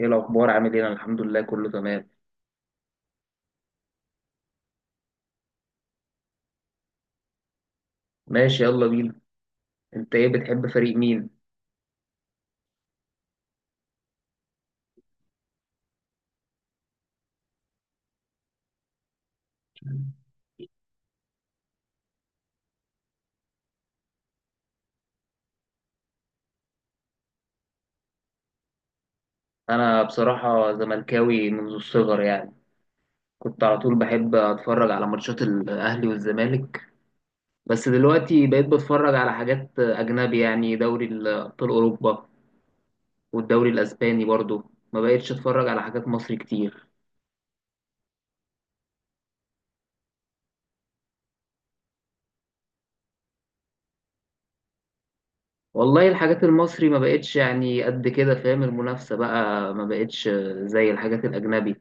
ايه الاخبار؟ عامل ايه؟ انا الحمد لله، كله تمام. ماشي، يلا بينا. انت ايه؟ بتحب فريق مين؟ انا بصراحه زملكاوي منذ الصغر يعني. كنت على طول بحب اتفرج على ماتشات الاهلي والزمالك. بس دلوقتي بقيت بتفرج على حاجات اجنبي، يعني دوري ابطال اوروبا والدوري الاسباني برضو. ما بقيتش اتفرج على حاجات مصري كتير. والله الحاجات المصري ما بقتش يعني قد كده، فاهم؟ المنافسه بقى ما بقتش زي الحاجات الاجنبي،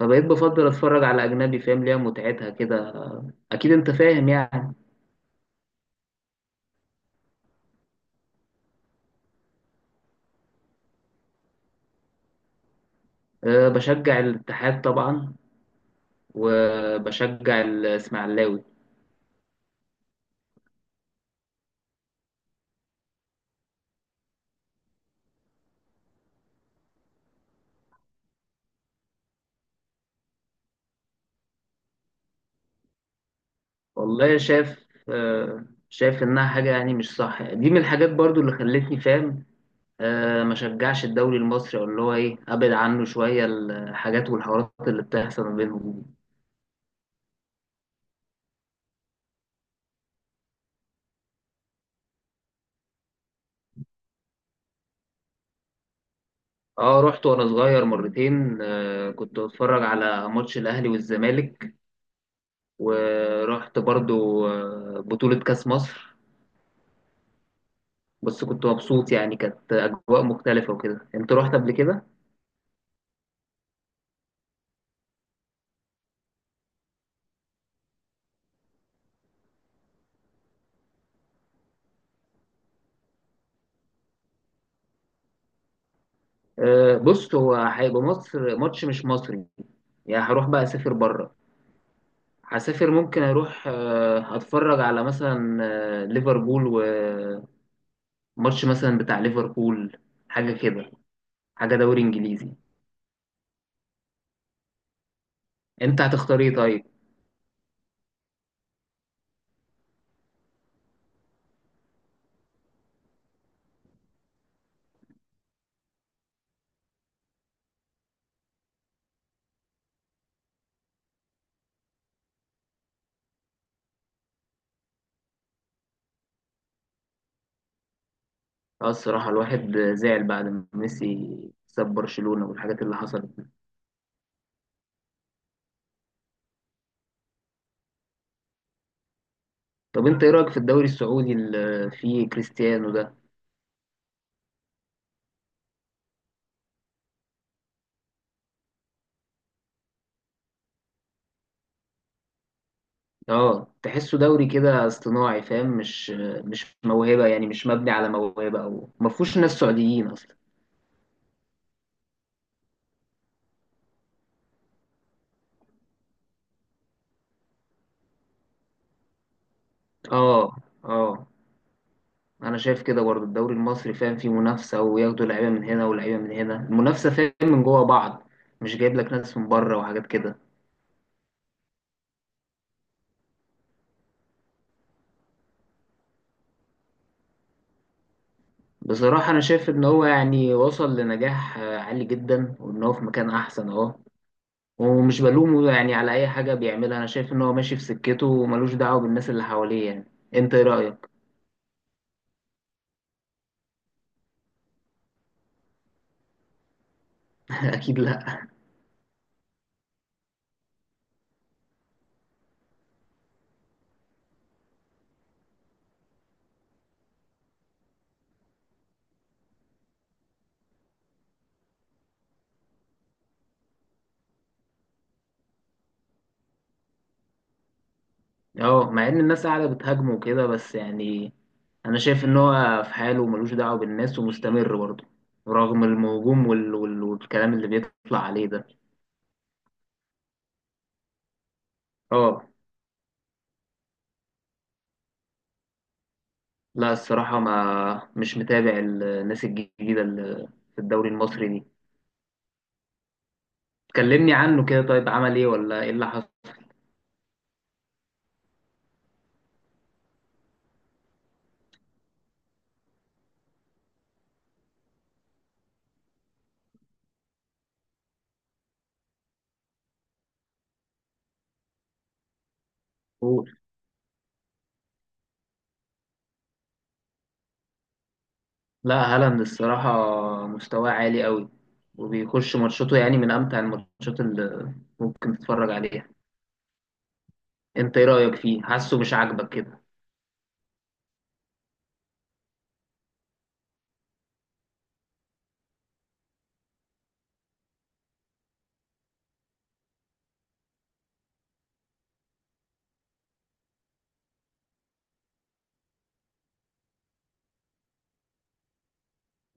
فبقيت بفضل اتفرج على اجنبي، فاهم ليها متعتها كده. اكيد انت فاهم يعني. أه، بشجع الاتحاد طبعا، وبشجع الاسماعيلاوي. والله شايف انها حاجه يعني مش صح. دي من الحاجات برضو اللي خلتني فاهم. أه، ما شجعش الدوري المصري، او اللي هو ايه، ابعد عنه شويه الحاجات والحوارات اللي بتحصل ما بينهم دي. اه، رحت وانا صغير مرتين. أه، كنت بتفرج على ماتش الاهلي والزمالك. ورحت برضو بطولة كأس مصر. بس كنت مبسوط يعني، كانت أجواء مختلفة وكده. أنت رحت قبل كده؟ آه، بص، هو هيبقى مصر ماتش مش مصري، يعني هروح بقى أسافر بره. هسافر، ممكن أروح أتفرج على مثلا ليفربول، وماتش مثلا بتاع ليفربول، حاجة كده، حاجة دوري إنجليزي. أنت هتختار إيه طيب؟ اه، الصراحة الواحد زعل بعد ما ميسي ساب برشلونة والحاجات اللي حصلت. طب انت ايه رايك في الدوري السعودي اللي فيه كريستيانو ده؟ اه، تحسه دوري كده اصطناعي، فاهم؟ مش موهبه يعني، مش مبني على موهبه، او ما فيهوش ناس سعوديين اصلا. اه، اه، انا شايف كده برضه. الدوري المصري، فاهم، فيه منافسه، وياخدوا لعيبه من هنا ولعيبه من هنا. المنافسه، فاهم، من جوه بعض، مش جايب لك ناس من بره وحاجات كده. بصراحه انا شايف ان هو يعني وصل لنجاح عالي جدا، وان هو في مكان احسن اهو. ومش بلومه يعني على أي حاجة بيعملها. أنا شايف إن هو ماشي في سكته وملوش دعوة بالناس اللي حواليه يعني. أنت إيه رأيك؟ أكيد لأ. أه، مع إن الناس قاعدة بتهاجمه وكده بس يعني، أنا شايف إن هو في حاله وملوش دعوة بالناس ومستمر برضه، رغم الهجوم والكلام اللي بيطلع عليه ده. أه. لا، الصراحة ما مش متابع الناس الجديدة اللي في الدوري المصري دي. كلمني عنه كده، طيب عمل إيه ولا إيه اللي حصل؟ لا، هالاند الصراحة مستواه عالي قوي، وبيخش ماتشاته، يعني من أمتع الماتشات اللي ممكن تتفرج عليها. انت ايه رأيك فيه؟ حاسه مش عاجبك كده.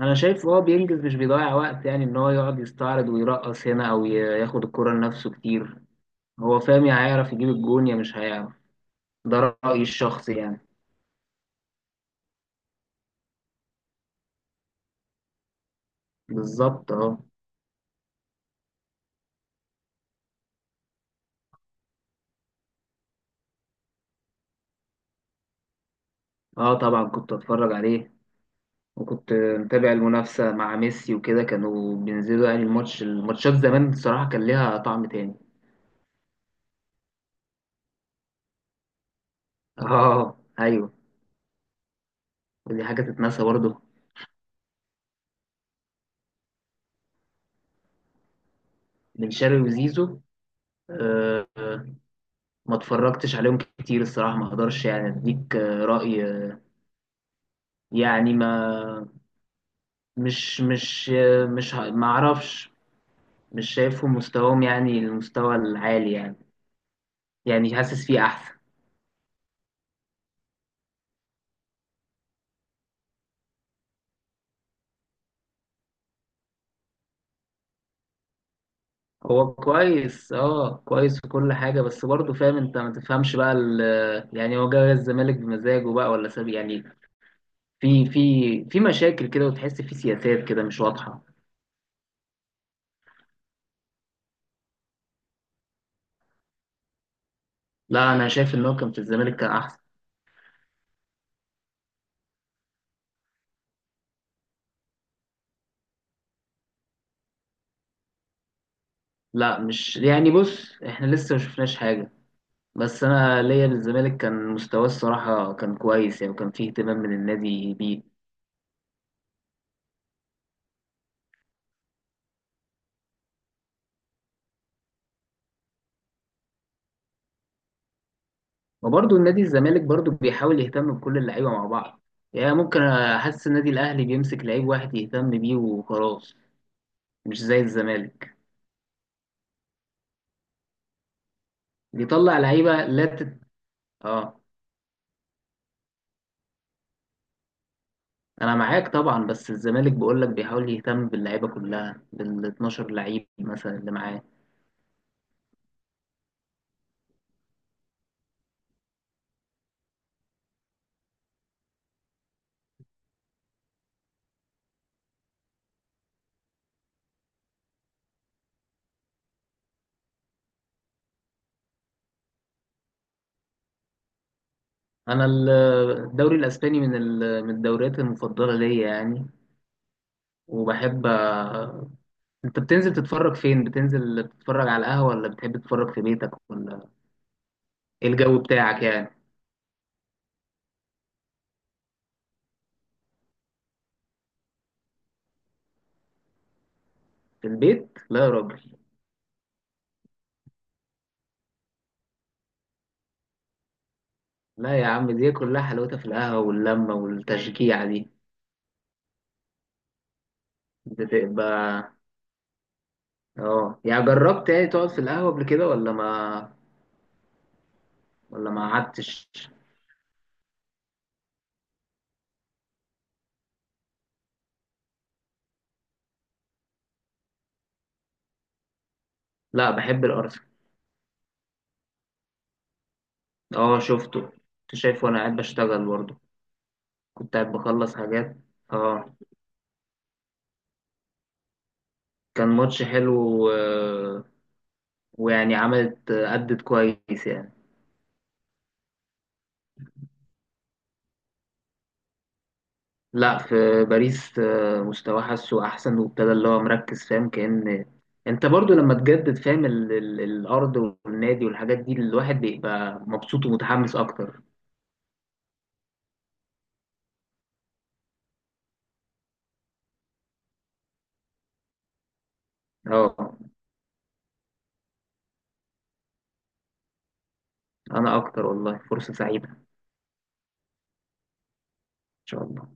انا شايف هو بينجز، مش بيضيع وقت، يعني ان هو يقعد يستعرض ويرقص هنا، او ياخد الكرة لنفسه كتير. هو فاهم، يا هيعرف يجيب الجون يا مش هيعرف. ده رأيي الشخصي يعني. بالظبط اهو. اه، طبعا كنت اتفرج عليه، وكنت متابع المنافسة مع ميسي وكده. كانوا بينزلوا يعني الماتشات زمان. الصراحة كان ليها طعم تاني. اه، ايوه، ودي حاجه تتنسى برضه. بن شرقي وزيزو. آه، آه، ما اتفرجتش عليهم كتير الصراحه. ما اقدرش يعني اديك راي. يعني ما مش مش آه، مش ه- ما اعرفش. مش شايفهم مستواهم، يعني المستوى العالي يعني، يعني حاسس فيه احسن. هو كويس، اه، كويس في كل حاجه، بس برضه فاهم. انت ما تفهمش بقى يعني هو جاي الزمالك بمزاجه بقى ولا ساب يعني، في مشاكل كده، وتحس في سياسات كده مش واضحه. لا، انا شايف ان هو كان في الزمالك كان احسن. لا، مش يعني، بص احنا لسه ما شفناش حاجه. بس انا ليا للزمالك كان مستواه الصراحه كان كويس يعني، وكان فيه اهتمام من النادي بيه. وبرضه النادي الزمالك برضه بيحاول يهتم بكل اللعيبه مع بعض، يعني ممكن احس النادي الاهلي بيمسك لعيب واحد يهتم بيه وخلاص، مش زي الزمالك. بيطلع لعيبه، لا، اه. انا معاك طبعا، بس الزمالك بقول لك بيحاول يهتم باللعيبه كلها بال 12 لعيب مثلا اللي معاه. انا الدوري الاسباني من الدوريات المفضله ليا يعني. وبحب. انت بتنزل تتفرج فين؟ بتنزل تتفرج على القهوه ولا بتحب تتفرج في بيتك؟ ولا ايه الجو بتاعك يعني؟ في البيت؟ لا يا راجل. لا يا عم، دي كلها حلاوتها في القهوه واللمه والتشجيع دي، بتبقى. اه، يعني جربت يعني تقعد في القهوه قبل كده ولا ما قعدتش؟ لا، بحب الارسنال. اه، شفته، كنت شايفه وانا قاعد بشتغل برضه، كنت قاعد بخلص حاجات. اه. كان ماتش حلو. ويعني عملت أدت كويس يعني. لا، في باريس مستواه حاسه أحسن، وابتدى اللي هو مركز، فاهم؟ كأن أنت برضو لما تجدد، فاهم الأرض والنادي والحاجات دي، الواحد بيبقى مبسوط ومتحمس أكتر. أه. أنا أكتر والله. فرصة سعيدة إن شاء الله